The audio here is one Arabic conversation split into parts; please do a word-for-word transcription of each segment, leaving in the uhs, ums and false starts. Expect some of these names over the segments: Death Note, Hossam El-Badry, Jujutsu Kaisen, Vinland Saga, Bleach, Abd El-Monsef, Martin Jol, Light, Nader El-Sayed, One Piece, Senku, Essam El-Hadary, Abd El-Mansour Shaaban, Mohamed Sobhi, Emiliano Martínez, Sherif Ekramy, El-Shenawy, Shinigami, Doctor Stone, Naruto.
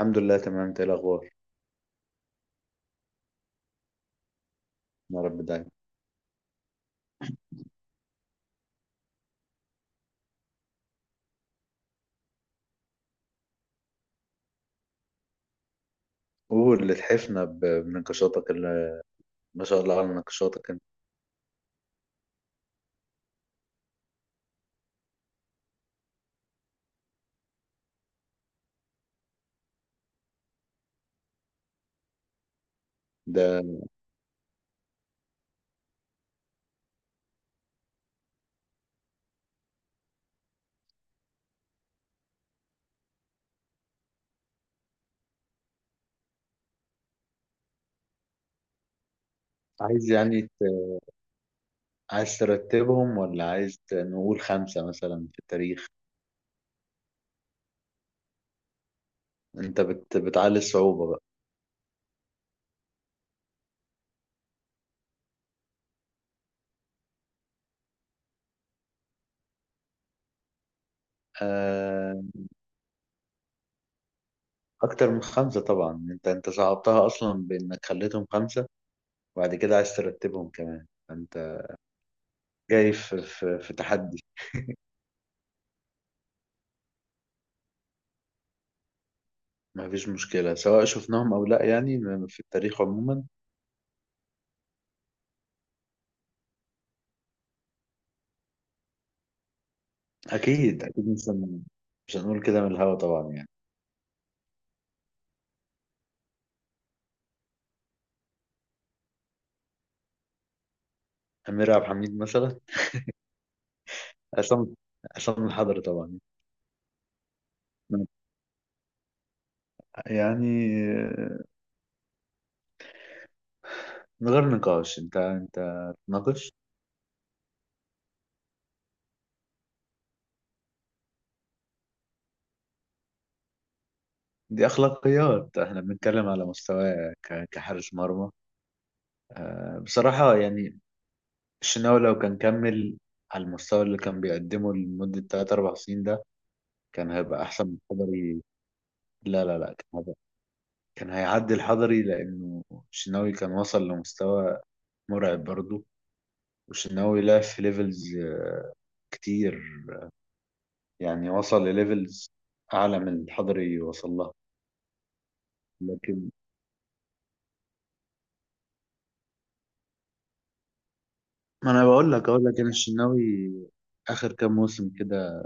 الحمد لله تمام. انت ايه الاخبار؟ يا رب دايما. قول اللي تحفنا ب- بنقاشاتك اللي ما شاء الله على نقاشاتك انت. ده عايز يعني ت... عايز ترتبهم ولا عايز ت- نقول خمسة مثلا في التاريخ. انت بت... بتعلي الصعوبة بقى. آه... اكتر من خمسة طبعا. انت انت صعبتها اصلا بانك خليتهم خمسة، وبعد كده عايز ترتبهم كمان انت. جاي في في, في تحدي. ما فيش مشكلة سواء شفناهم او لا يعني، في التاريخ عموما. اكيد اكيد مش هن- مش هنقول كده من الهوا طبعا يعني. أمير عبد الحميد مثلا. عصام عصام الحضري طبعا. يعني من غير نقاش. أنت أنت تناقش. دي أخلاقيات، إحنا بنتكلم على مستوى ك- كحارس مرمى بصراحة يعني. الشناوي لو كان كمل على المستوى اللي كان بيقدمه لمدة تلاتة اربعة سنين ده كان هيبقى أحسن من الحضري. لا لا لا، كان هيبقى، كان هيعدي الحضري لأنه الشناوي كان وصل لمستوى مرعب برضه. والشناوي لعب في ليفلز كتير، يعني وصل لليفلز اعلى من الحضري وصل لها. لكن ما انا بقول لك، اقول لك انا الشناوي اخر كام موسم كده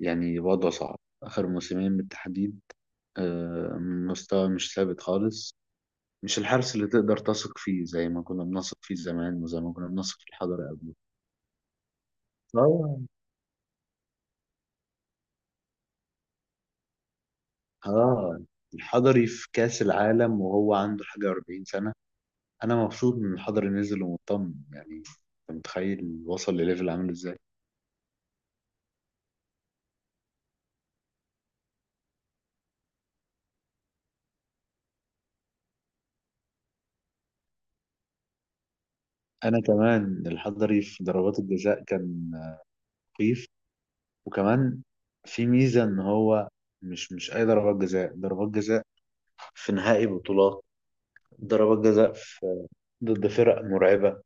يعني وضعه صعب، اخر موسمين بالتحديد. آه، مستوى مش ثابت خالص. مش الحارس اللي تقدر تثق فيه زي ما كنا بنثق فيه زمان وزي ما كنا بنثق في الحضري قبل. اه. اه، الحضري في كاس العالم وهو عنده حاجه اربعين سنه. انا مبسوط ان الحضري نزل ومطمن، يعني انت متخيل وصل لليفل عامل ازاي؟ انا كمان الحضري في ضربات الجزاء كان مخيف. وكمان في ميزه ان هو مش مش اي ضربات جزاء. ضربات جزاء في نهائي بطولات، ضربات جزاء في، ضد فرق مرعبه.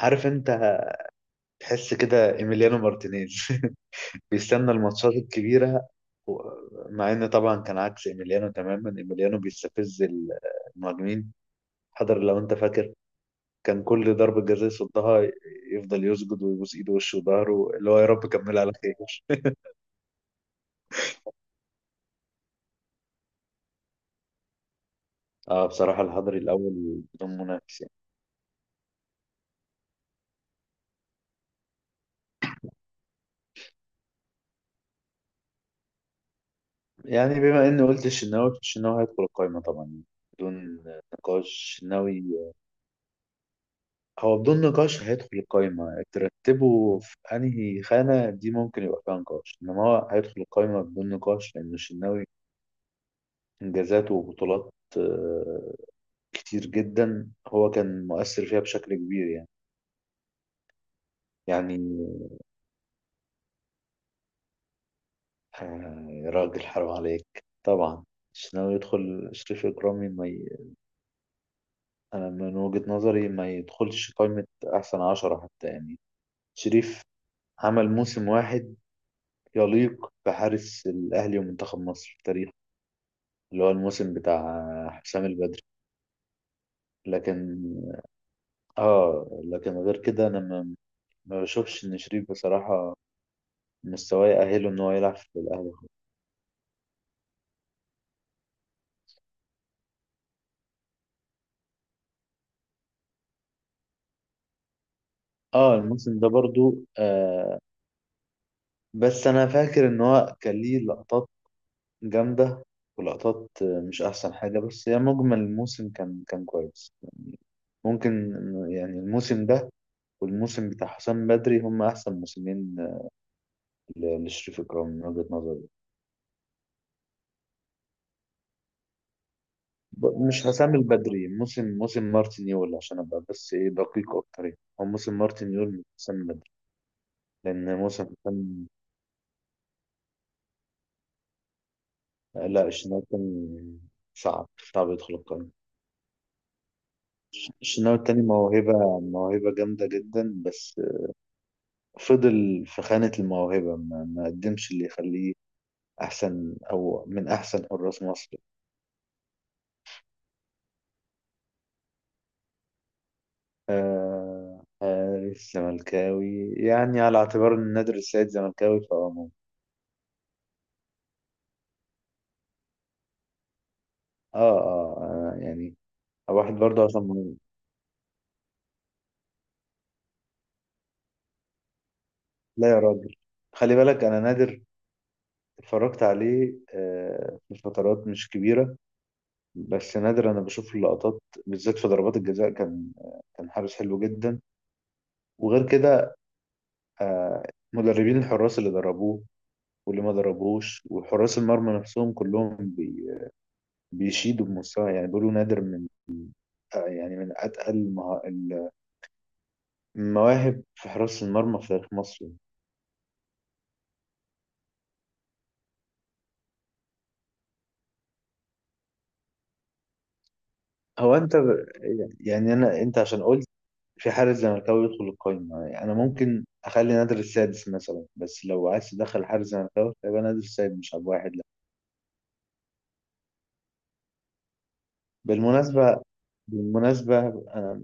عارف انت تحس كده ايميليانو مارتينيز بيستنى الماتشات الكبيره. و- مع ان طبعا كان عكس ايميليانو تماما. ايميليانو بيستفز المهاجمين. حضر لو انت فاكر كان كل ضربة جزاء يصدها يفضل يسجد ويبوس ايده ووشه وظهره اللي هو يا رب كملها على خير. اه بصراحة الحضري الأول بدون منافس يعني. يعني بما إني قلت الشناوي الشناوي هيدخل القايمة طبعا يعني، بدون نقاش الشناوي. هو بدون نقاش هيدخل القايمة. ترتبه في أنهي خانة دي ممكن يبقى فيها نقاش، إنما هو هيدخل القايمة بدون نقاش، لأن الشناوي إنجازاته وبطولات آه، كتير جدا. هو كان مؤثر فيها بشكل كبير يعني. يعني آه، يا راجل حرام عليك طبعا. الشناوي يدخل، شريف إكرامي ما. أنا من وجهة نظري ما يدخلش قائمة أحسن عشرة حتى يعني. شريف عمل موسم واحد يليق بحارس الأهلي ومنتخب مصر في التاريخ، اللي هو الموسم بتاع حسام البدري. لكن آه لكن غير كده، أنا ما، ما بشوفش إن شريف بصراحة مستواه يأهله إن هو يلعب في الأهلي خالص. آه الموسم ده برضو آه بس أنا فاكر إن هو كان ليه لقطات جامدة، ولقطات آه، مش أحسن حاجة، بس هي مجمل الموسم كان كان كويس. ممكن إنه يعني الموسم ده والموسم بتاع حسام بدري هم احسن موسمين ل- لشريف اكرام من وجهة نظري. ب- مش حسام البدري، موسم موسم مارتن يول عشان ابقى بس ايه دقيق اكتر. يعني هو موسم مارتن يول من حسام بدري، لان موسم حسام. لا الشناوي كان صعب، صعب يدخل القائمة. الشناوي التاني موهبة، موهبة جامدة جدا، بس فضل في خانة الموهبة. ما, ما قدمش اللي يخليه أحسن أو من أحسن حراس مصر. آه حارس زملكاوي يعني على اعتبار ان نادر السيد زملكاوي فهو ممكن. آه, آه, اه يعني واحد برضه عشان مهم. لا يا راجل، خلي بالك انا نادر اتفرجت عليه آه في فترات مش كبيرة، بس نادر انا بشوف اللقطات بالذات في ضربات الجزاء كان، كان حارس حلو جدا. وغير كده آه مدربين الحراس اللي دربوه واللي ما دربوهوش وحراس المرمى نفسهم كلهم بي بيشيدوا بمستوى. يعني بيقولوا نادر من آه، يعني من أتقل المها- المواهب في حراسة المرمى في تاريخ مصر. هو أنت ب- يعني أنا. أنت عشان قلت في حارس زملكاوي يدخل القايمة، يعني أنا ممكن أخلي نادر السادس مثلا، بس لو عايز تدخل حارس زملكاوي فيبقى نادر السادس مش عبد واحد لا. بالمناسبة، بالمناسبة أنا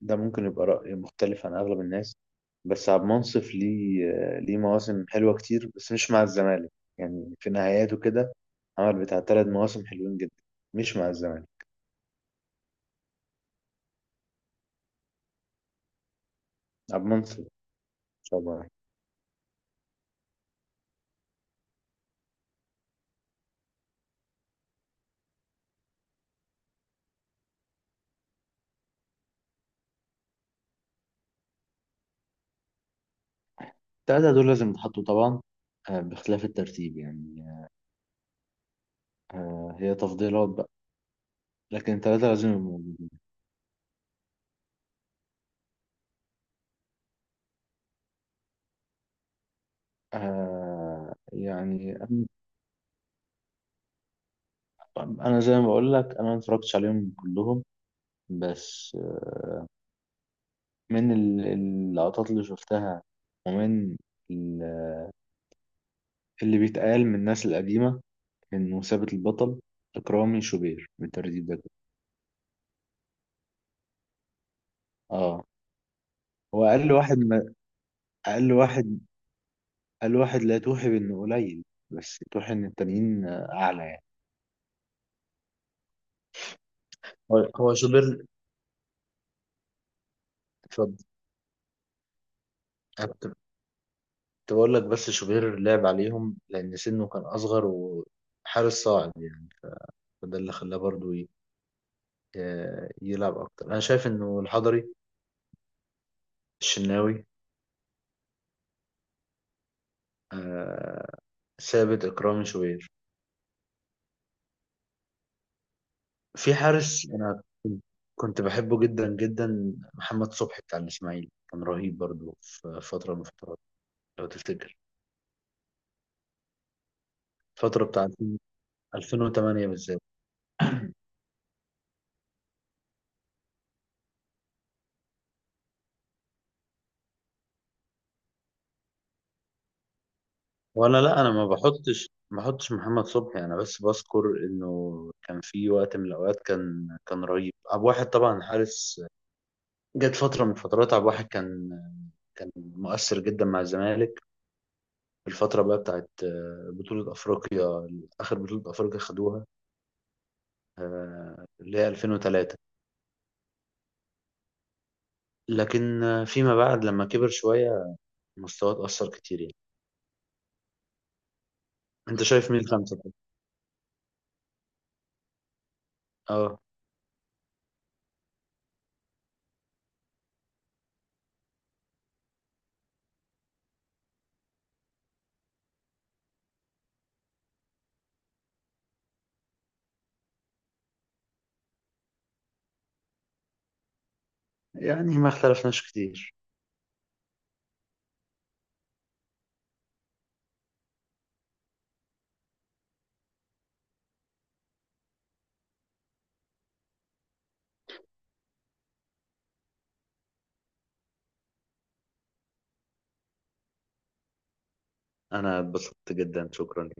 ده ممكن يبقى رأي مختلف عن أغلب الناس، بس عبد المنصف ليه، ليه مواسم حلوة كتير بس مش مع الزمالك. يعني في نهاياته كده عمل بتاع تلات مواسم حلوين جدا، مش مع الزمالك. عبد المنصور شعبان. التلاتة دول لازم يتحطوا طبعا، آه، باختلاف الترتيب يعني. آه، هي تفضيلات بقى، لكن التلاتة لازم يبقوا موجودين. آه، يعني أنا. أنا زي ما بقول لك، أنا ما اتفرجتش عليهم كلهم، بس من ال- اللقطات اللي شفتها، ومن ال- اللي بيتقال من الناس القديمة، إنه ثابت البطل إكرامي شوبير بالترتيب ده كده. اه هو أقل واحد. ما أقل واحد، الواحد لا توحي بانه قليل، بس توحي ان التانيين آه، اعلى يعني. هو هو شوبير، اتفضل. أنا كنت كنت بقول لك، بس شوبير لعب عليهم لأن سنه كان أصغر وحارس صاعد يعني، فده اللي خلاه برضو ي- ي- يلعب أكتر. أنا شايف إنه الحضري الشناوي آه، ثابت إكرامي شوبير. في حارس أنا كنت كنت بحبه جدا جدا، محمد صبحي بتاع الإسماعيلي كان رهيب برضو في فترة من الفترات لو تفتكر، الفترة بتاع الفين وتمانية بالذات. ولا لا، انا ما بحطش ما بحطش محمد صبحي، انا بس بذكر انه كان في وقت من الاوقات كان كان رهيب. عبد الواحد طبعا حارس. جت فتره من فترات عبد الواحد كان كان مؤثر جدا مع الزمالك، في الفتره بقى بتاعت آه، بطوله افريقيا، اخر بطوله افريقيا خدوها، آه، اللي هي الفين وتلاتة. لكن آه، فيما بعد لما كبر شويه مستواه اتاثر كتير يعني. انت شايف مين خمسه؟ اه يعني ما اختلفناش كتير. انا اتبسطت جدا، شكرا.